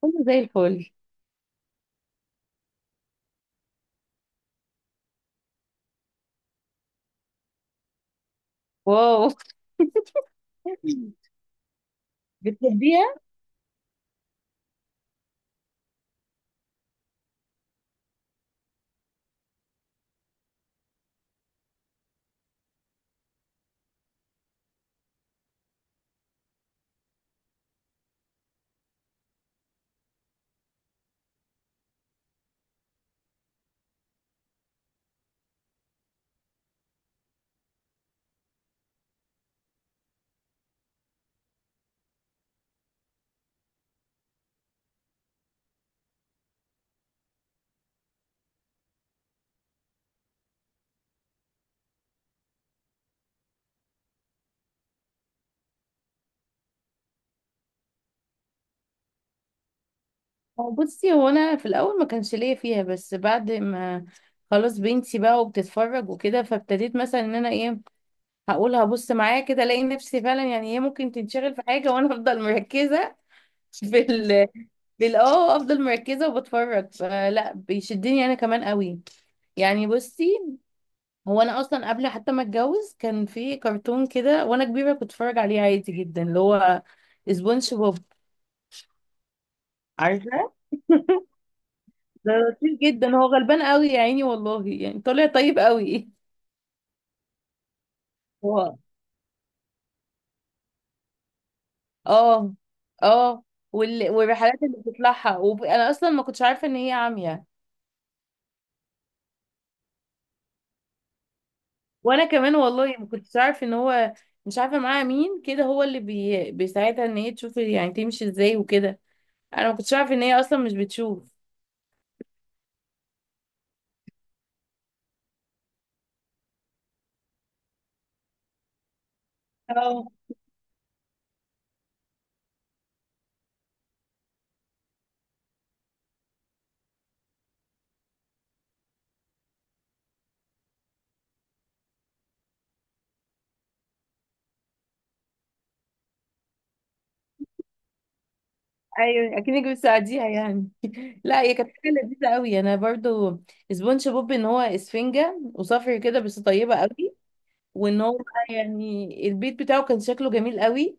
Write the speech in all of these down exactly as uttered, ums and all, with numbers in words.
كله زي الفل. واو. بتحبيها؟ هو، بصي، هو انا في الاول ما كانش ليا فيها، بس بعد ما خلاص بنتي بقى وبتتفرج وكده، فابتديت مثلا ان انا ايه، هقول هبص معايا كده، الاقي نفسي فعلا يعني هي ممكن تنشغل في حاجه وانا افضل مركزه في ال بال اه افضل مركزه وبتفرج، فلا بيشدني انا كمان قوي. يعني بصي، هو انا اصلا قبل حتى ما اتجوز كان في كرتون كده وانا كبيره كنت اتفرج عليه عادي جدا، اللي هو سبونج بوب، عارفه؟ ده لطيف جدا، هو غلبان قوي يا عيني، والله يعني طالع طيب قوي. هو اه اه وال... والرحلات اللي بتطلعها، وب... انا اصلا ما كنتش عارفه ان هي عمياء. وانا كمان والله ما كنتش عارفه ان هو مش عارفه معاها مين كده، هو اللي بي... بيساعدها ان هي تشوف يعني تمشي ازاي وكده. انا ما كنتش عارفه ان هي اصلا مش بتشوف. اه، ايوه، اكنك بتساعديها يعني. لا هي كانت حاجه لذيذه قوي، انا برضو سبونج بوب ان هو اسفنجه وصفر كده بس طيبه قوي. وان هو بقى يعني البيت بتاعه كان شكله جميل قوي،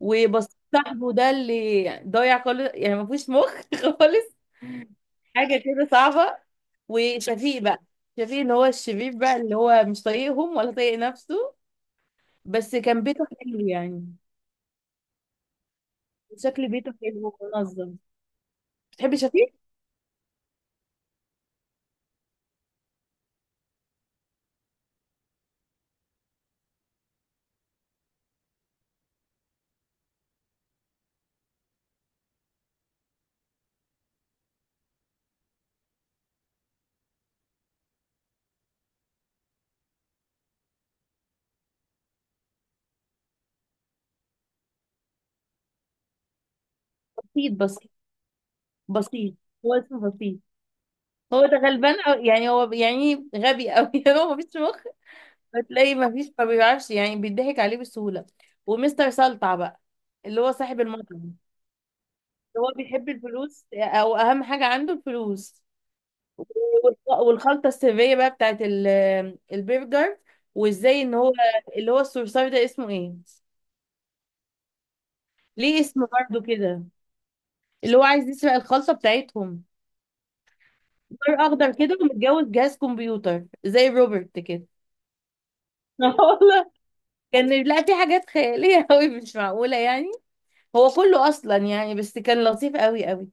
وبس. صاحبه ده اللي ضايع خالص يعني ما فيهوش مخ خالص، حاجه كده صعبه. وشفيق بقى، شفيق اللي هو الشبيب بقى، اللي هو مش طايقهم ولا طايق نفسه، بس كان بيته حلو يعني. شكل بيته حلو ومنظم. بتحبي شفيق؟ بسيط، بس بسيط. هو اسمه بسيط. هو ده غلبان، أو يعني هو يعني غبي قوي، هو مفيش مخ. بتلاقي ما فيش، ما بيعرفش يعني، بيضحك عليه بسهولة. ومستر سلطع بقى اللي هو صاحب المطعم، هو بيحب الفلوس او اهم حاجة عنده الفلوس. والخ- والخلطة السرية بقى بتاعت ال- البرجر. وازاي ان هو اللي هو الصرصار ده اسمه ايه، ليه اسم برضه كده، اللي هو عايز يسرق الخلطة بتاعتهم. صار اخضر كده ومتجوز جهاز كمبيوتر زي روبرت كده. والله، كان لا، في حاجات خيالية قوي مش معقولة يعني. هو كله اصلا يعني، بس كان لطيف قوي قوي.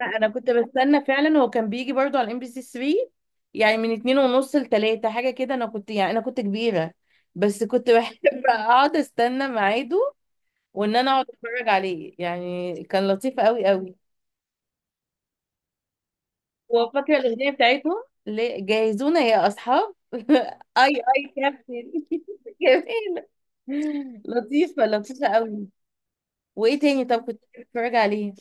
لا انا كنت بستنى فعلا، هو كان بيجي برضو على ام بي سي تلاتة يعني من اتنين ونص لتلاتة حاجه كده، انا كنت يعني انا كنت كبيره بس كنت بحب اقعد استنى ميعاده وان انا اقعد اتفرج عليه، يعني كان لطيف قوي قوي. وفاكره الاغنيه بتاعتهم، ل- جهزونا يا اصحاب، اي اي كابتن. جميله، لطيفه، لطيفه قوي. وايه تاني طب كنت بتتفرج عليه؟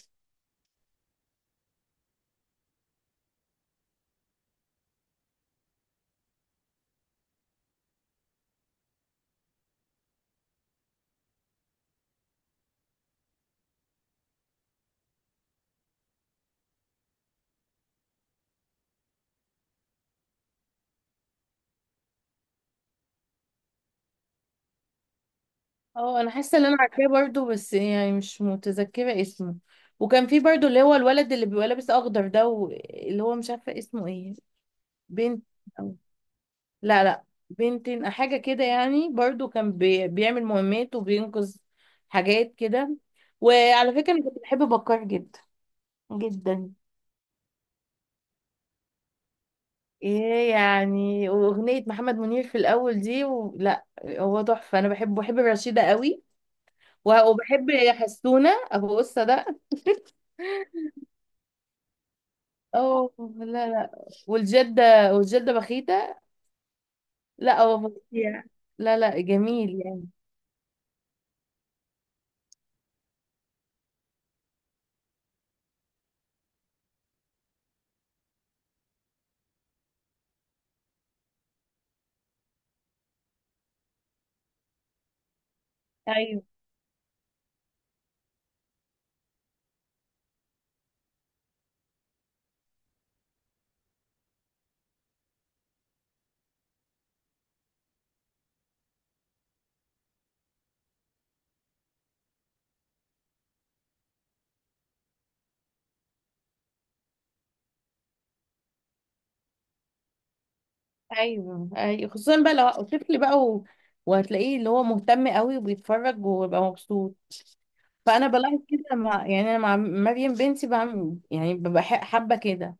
اه انا حاسه ان انا عارفاه برضو بس يعني مش متذكره اسمه. وكان في برضو اللي هو الولد اللي بيبقى لابس اخضر ده، و- اللي هو مش عارفه اسمه ايه، بنت أو، لا لا، بنتين حاجه كده يعني، برضو كان بي... بيعمل مهمات وبينقذ حاجات كده. وعلى فكره انا كنت بحب بكار جدا، جدا. ايه يعني واغنيه محمد منير في الاول دي، و... لا هو تحفه، انا بحبه، بحب رشيده قوي، و- وبحب حسونه ابو قصه ده. اه، لا لا، والجدة، والجدة بخيتة، لا هو فظيع، لا لا جميل يعني. ايوه، ايوه، ايوه، خصوصا بقى لو طفل بقى، و... وهتلاقيه اللي هو مهتم قوي وبيتفرج وبيبقى مبسوط. فانا بلاحظ كده مع يعني انا مع مريم بنتي بعمل يعني ببقى ح- حابه كده،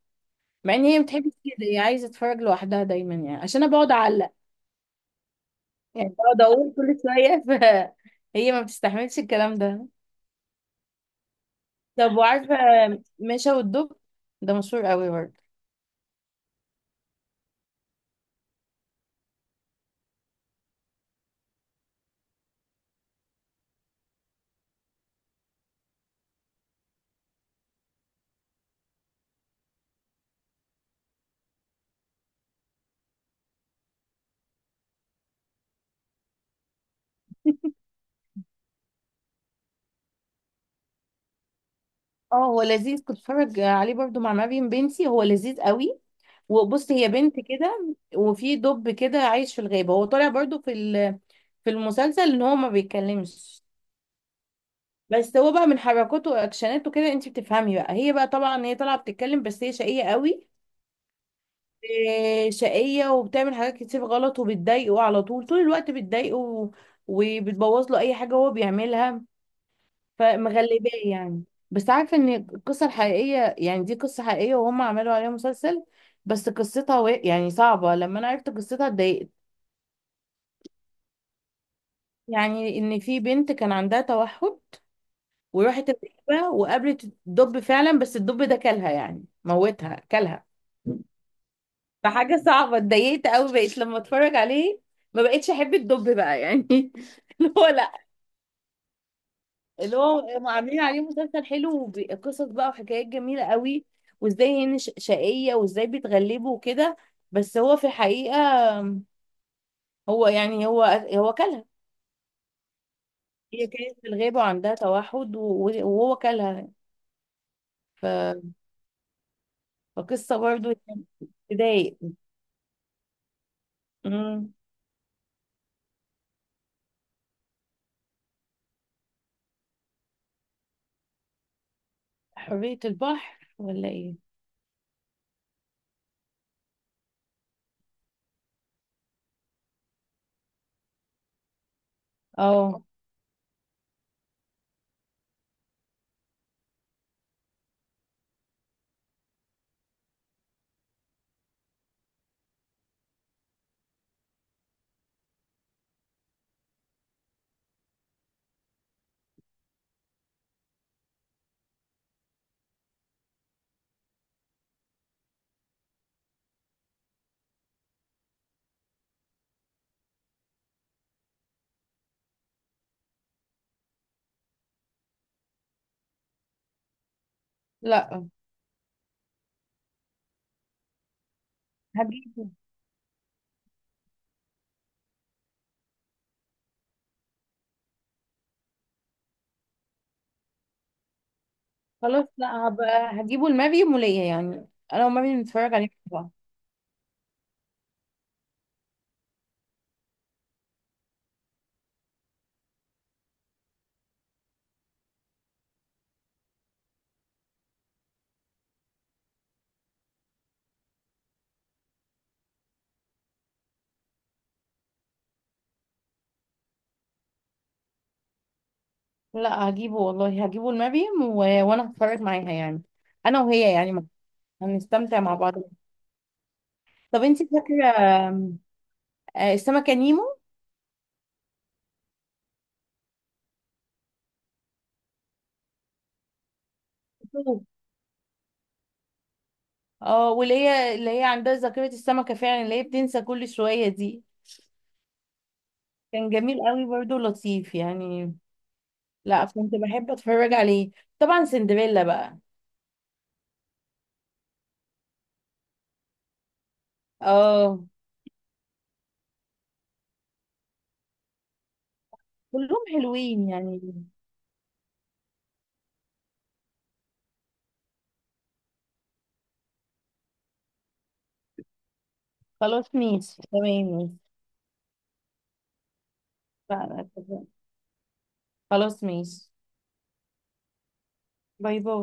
مع ان هي ما بتحبش كده، هي عايزه تتفرج لوحدها دايما يعني، عشان انا بقعد اعلق يعني، بقعد اقول كل شويه، فهي ما بتستحملش الكلام ده. طب وعارفه، مشا والدب، ده مشهور قوي برضه. اه هو لذيذ، كنت بتفرج عليه برضو مع مريم بنتي، هو لذيذ قوي. وبص، هي بنت كده وفي دب كده عايش في الغابة، هو طالع برضو في ال- في المسلسل ان هو ما بيتكلمش، بس هو بقى من حركاته واكشناته كده انت بتفهمي بقى، هي بقى طبعا هي طالعة بتتكلم بس هي شقية قوي، إيه، شقية وبتعمل حاجات كتير غلط وبتضايقه على طول، طول الوقت بتضايقه و- وبتبوظ له اي حاجة هو بيعملها، فمغلباه يعني. بس عارفه ان القصه الحقيقيه، يعني دي قصه حقيقيه وهم عملوا عليها مسلسل، بس قصتها و... يعني صعبه، لما انا عرفت قصتها اتضايقت. يعني ان في بنت كان عندها توحد، وراحت الغابه وقابلت الدب فعلا، بس الدب ده كلها يعني، موتها كلها، فحاجه صعبه، اتضايقت قوي، بقيت لما اتفرج عليه ما بقتش احب الدب بقى يعني. اللي هو لا، اللي هو هم عاملين عليه مسلسل حلو وقصص بقى وحكايات جميلة قوي، وازاي هن ش- شقية وازاي بيتغلبوا وكده، بس هو في الحقيقة، هو يعني هو هو كلها، هي كانت في الغابة وعندها توحد و- وهو كلها. ف- فقصة برضو يعني تضايق. أمم، حرية البحر ولا ايه؟ اه، لا هجيبه، خلاص، لا هبقى هجيبه لمريم وليا يعني، انا ومريم نتفرج عليه مع بعض. لا هجيبه والله، هجيبه المريم، و... وانا هتفرج معاها يعني، انا وهي يعني، ما- هنستمتع مع بعض. طب انت فاكره آم، آه، السمكه نيمو؟ اه واللي هي اللي هي عندها ذاكره السمكه فعلا، اللي هي بتنسى كل شويه دي، كان جميل قوي برضه لطيف يعني. لا كنت بحب اتفرج عليه. طبعا سندريلا بقى. اه كلهم حلوين يعني. خلاص ماشي تمام. ماشي، خلاص، ماشي. باي باي.